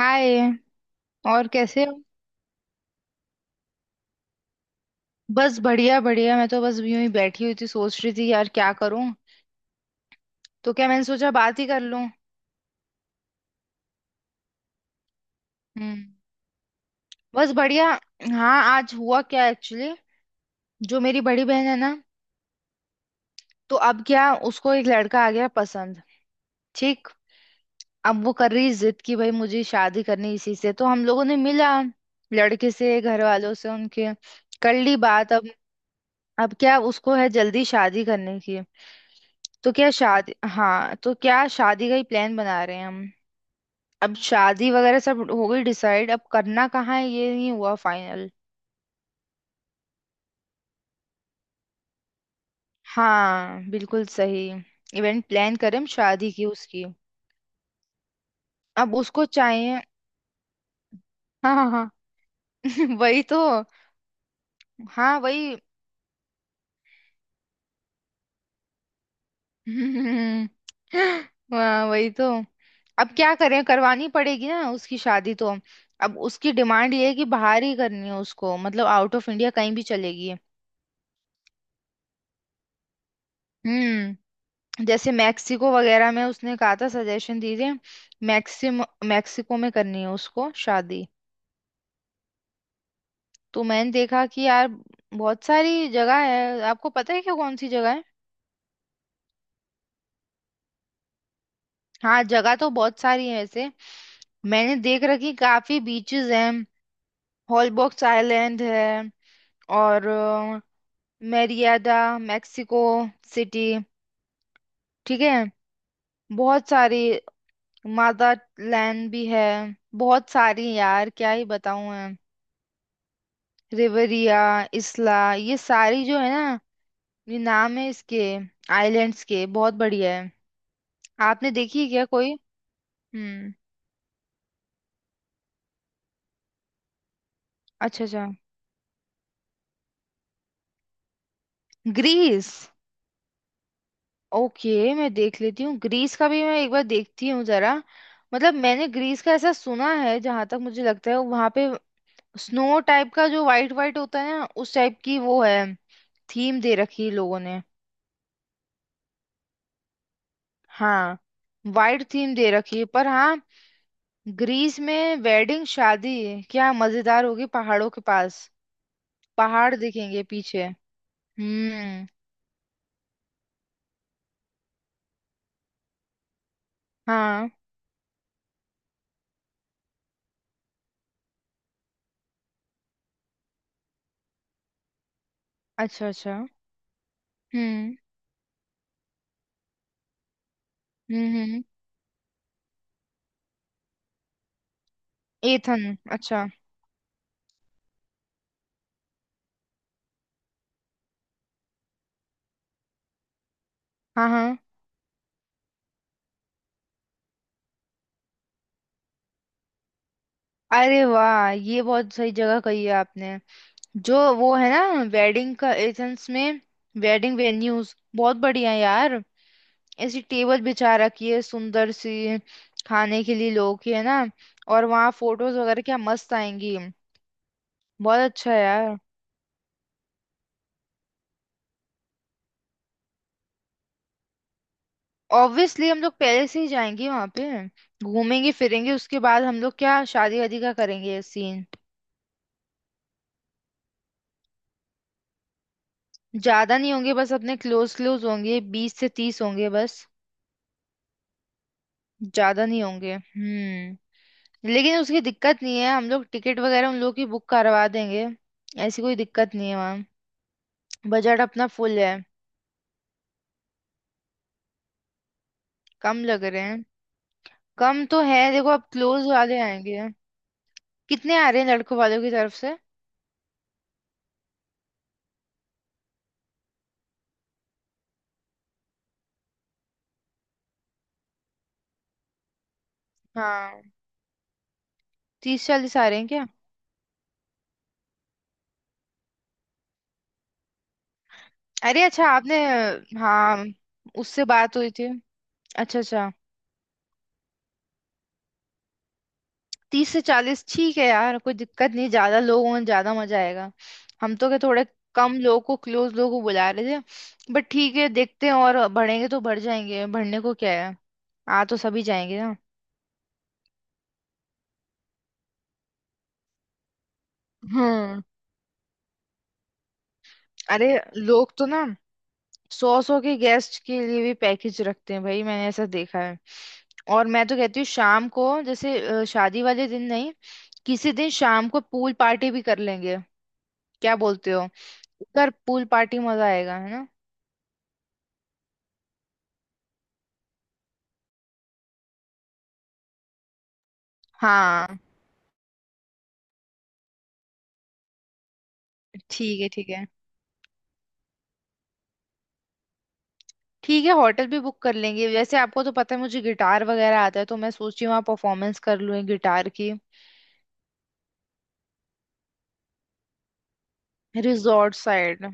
हाय। और कैसे हो? बस बढ़िया बढ़िया, मैं तो बस यूं ही बैठी हुई थी, सोच रही थी यार क्या करूं। तो क्या, मैंने सोचा बात ही कर लूं। हम्म। बस बढ़िया। हाँ आज हुआ क्या एक्चुअली, जो मेरी बड़ी बहन है ना, तो अब क्या उसको एक लड़का आ गया पसंद। ठीक। अब वो कर रही जिद कि भाई मुझे शादी करनी इसी से, तो हम लोगों ने मिला लड़के से, घर वालों से उनके, कर ली बात। अब क्या उसको है जल्दी शादी करने की, तो क्या शादी, हाँ तो क्या शादी का ही प्लान बना रहे हैं हम। अब शादी वगैरह सब हो गई डिसाइड, अब करना कहाँ है ये नहीं हुआ फाइनल। हाँ बिल्कुल सही। इवेंट प्लान करें हम शादी की उसकी। अब उसको चाहिए। हाँ हाँ हाँ। वही तो। हाँ वही। हम्म, हाँ वही तो। अब क्या करें, करवानी पड़ेगी ना उसकी शादी तो। अब उसकी डिमांड ये है कि बाहर ही करनी है उसको, मतलब आउट ऑफ इंडिया कहीं भी चलेगी। हम्म। जैसे मैक्सिको वगैरह में उसने कहा था, सजेशन दीजिए। मैक्सिम मैक्सिको में करनी है उसको शादी। तो मैंने देखा कि यार बहुत सारी जगह है। आपको पता है क्या कौन सी जगह है? हाँ जगह तो बहुत सारी है वैसे। मैंने देख रखी, काफी बीचेस हैं। हॉलबॉक्स आइलैंड है, और मेरियादा, मैक्सिको सिटी, ठीक है बहुत सारी। मादा लैंड भी है। बहुत सारी यार, क्या ही बताऊं मैं। रिवरिया, इसला, ये सारी जो है ना, ये नाम है इसके आइलैंड्स के। बहुत बढ़िया है। आपने देखी है क्या कोई? हम्म। अच्छा अच्छा। ग्रीस। ओके मैं देख लेती हूँ, ग्रीस का भी मैं एक बार देखती हूँ जरा। मतलब मैंने ग्रीस का ऐसा सुना है, जहां तक मुझे लगता है वहां पे स्नो टाइप का जो वाइट वाइट होता है ना, उस टाइप की वो है। थीम दे रखी है लोगों ने। हाँ। वाइट थीम दे रखी है, पर हाँ ग्रीस में वेडिंग शादी क्या मजेदार होगी, पहाड़ों के पास। पहाड़ दिखेंगे पीछे। हम्म। हाँ। अच्छा अच्छा। हम्म। हम्म। हम्म। हम्म। एथन, अच्छा। हाँ हाँ। अरे वाह, ये बहुत सही जगह कही है आपने। जो वो है ना, वेडिंग का एथेंस में वेडिंग वेन्यूज बहुत बढ़िया है यार। ऐसी टेबल बिछा रखी है सुंदर सी, खाने के लिए लोग की है ना। और वहाँ फोटोज वगैरह क्या मस्त आएंगी। बहुत अच्छा है यार। ऑब्वियसली हम लोग पहले से ही जाएंगे वहां पे, घूमेंगे फिरेंगे, उसके बाद हम लोग क्या शादी वादी का करेंगे सीन। ज्यादा नहीं होंगे, बस अपने क्लोज क्लोज होंगे, 20 से 30 होंगे बस। ज्यादा नहीं होंगे। हम्म। लेकिन उसकी दिक्कत नहीं है, हम लोग टिकट वगैरह उन लोग की बुक करवा देंगे। ऐसी कोई दिक्कत नहीं है वहाँ। बजट अपना फुल है। कम लग रहे हैं। कम तो है, देखो अब क्लोज वाले आएंगे। कितने आ रहे हैं लड़कों वालों की तरफ से? हाँ। 30 40 आ रहे हैं क्या? अरे अच्छा, आपने। हाँ उससे बात हुई थी। अच्छा अच्छा। 30 से 40 ठीक है यार, कोई दिक्कत नहीं, ज्यादा लोग हों ज्यादा मजा आएगा। हम तो क्या थोड़े कम लोगों को, क्लोज लोगों को बुला रहे थे, बट ठीक है देखते हैं, और बढ़ेंगे तो बढ़ जाएंगे, बढ़ने को क्या है। आ तो सभी जाएंगे ना। हम्म। अरे लोग तो ना 100 100 के गेस्ट के लिए भी पैकेज रखते हैं भाई, मैंने ऐसा देखा है। और मैं तो कहती हूँ शाम को जैसे शादी वाले दिन नहीं, किसी दिन शाम को पूल पार्टी भी कर लेंगे। क्या बोलते हो? कर पूल पार्टी, मजा आएगा है ना। हाँ। ठीक है ठीक है। ठीक है होटल भी बुक कर लेंगे, वैसे आपको तो पता है मुझे गिटार वगैरह आता है, तो मैं सोच रही हूँ वहाँ परफॉर्मेंस कर लूँ गिटार की। Resort side.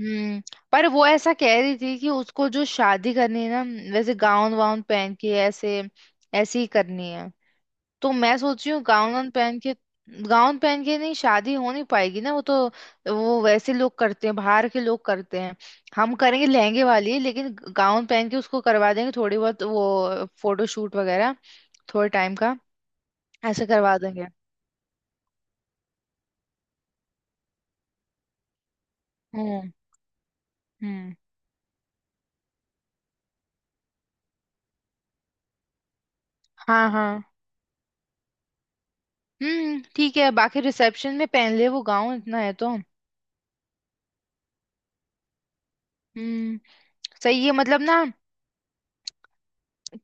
हम्म। पर वो ऐसा कह रही थी कि उसको जो शादी करनी है ना, वैसे गाउन वाउन पहन के ऐसे, ऐसे ही करनी है। तो मैं सोच रही हूँ गाउन वाउन पहन के। गाउन पहन के नहीं शादी हो नहीं पाएगी ना वो तो। वो वैसे लोग करते हैं, बाहर के लोग करते हैं। हम करेंगे लहंगे वाली, लेकिन गाउन पहन के उसको करवा देंगे थोड़ी बहुत, वो फोटो शूट वगैरह थोड़े टाइम का, ऐसे करवा देंगे। हम्म। हम्म। हाँ हाँ। ठीक है, बाकी रिसेप्शन में पहन ले वो गाउन इतना है तो। हम्म। सही है मतलब ना,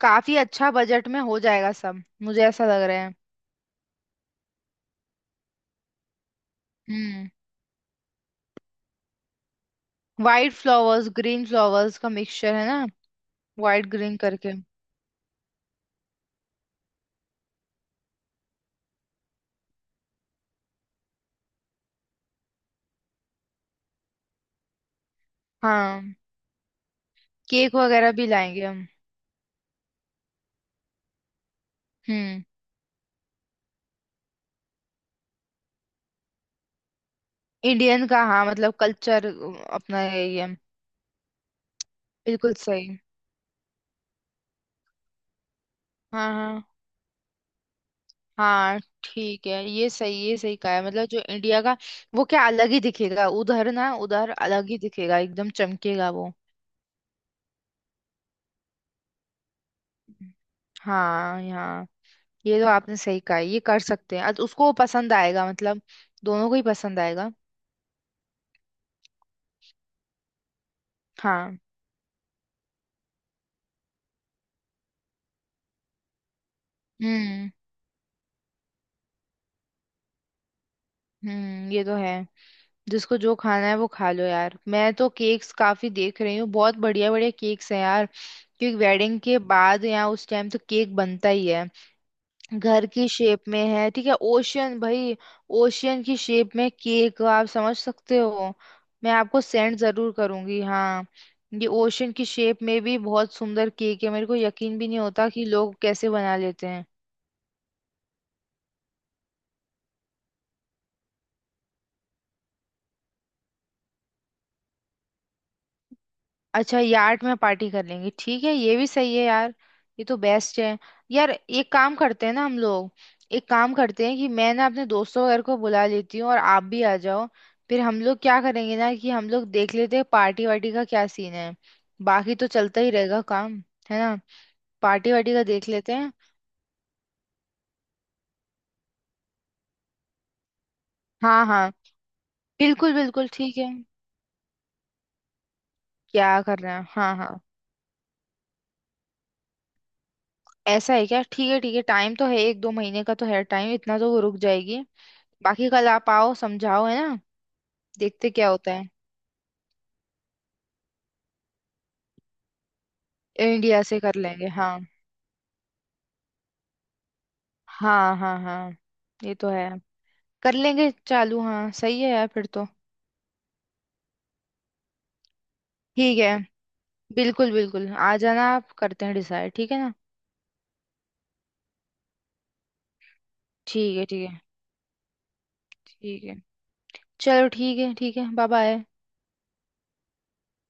काफी अच्छा बजट में हो जाएगा सब मुझे ऐसा लग रहा है। हम्म। वाइट फ्लावर्स ग्रीन फ्लावर्स का मिक्सचर है ना, वाइट ग्रीन करके। हाँ। केक वगैरह भी लाएंगे हम। हम्म। इंडियन का, हाँ मतलब कल्चर अपना है ये। बिल्कुल सही। हाँ हाँ हाँ। ठीक है, ये सही, ये सही कहा है। मतलब जो इंडिया का वो क्या अलग ही दिखेगा उधर ना, उधर अलग ही दिखेगा, एकदम चमकेगा वो। हाँ। यहाँ, ये तो आपने सही कहा, ये कर सकते हैं। उसको पसंद आएगा मतलब, दोनों को ही पसंद आएगा। हाँ। हम्म। हम्म। ये तो है। जिसको जो खाना है वो खा लो यार, मैं तो केक्स काफी देख रही हूँ, बहुत बढ़िया बढ़िया केक्स हैं यार, क्योंकि वेडिंग के बाद यहाँ उस टाइम तो केक बनता ही है। घर की शेप में है, ठीक है। ओशियन भाई, ओशियन की शेप में केक आप समझ सकते हो, मैं आपको सेंड जरूर करूंगी। हाँ। ये ओशियन की शेप में भी बहुत सुंदर केक है, मेरे को यकीन भी नहीं होता कि लोग कैसे बना लेते हैं। अच्छा यार्ड में पार्टी कर लेंगे, ठीक है ये भी सही है यार, ये तो बेस्ट है। यार एक काम करते हैं ना हम लोग, एक काम करते हैं कि मैं ना अपने दोस्तों वगैरह को बुला लेती हूँ और आप भी आ जाओ, फिर हम लोग क्या करेंगे ना कि हम लोग देख लेते हैं पार्टी वार्टी का क्या सीन है। बाकी तो चलता ही रहेगा काम, है ना। पार्टी वार्टी का देख लेते हैं। हाँ हाँ, बिल्कुल बिल्कुल ठीक है। क्या करना है, हाँ हाँ। ऐसा है क्या? ठीक है ठीक है, टाइम तो है, एक दो महीने का तो है टाइम, इतना तो वो रुक जाएगी। बाकी कल आप आओ समझाओ, है ना, देखते क्या होता है। इंडिया से कर लेंगे हाँ। हाँ हाँ हाँ। ये तो है। कर लेंगे चालू, हाँ सही है यार फिर तो। ठीक है। बिल्कुल बिल्कुल, आ जाना आप, करते हैं डिसाइड ठीक है ना। ठीक है ठीक है। ठीक है चलो, ठीक है ठीक है, बाय बाय।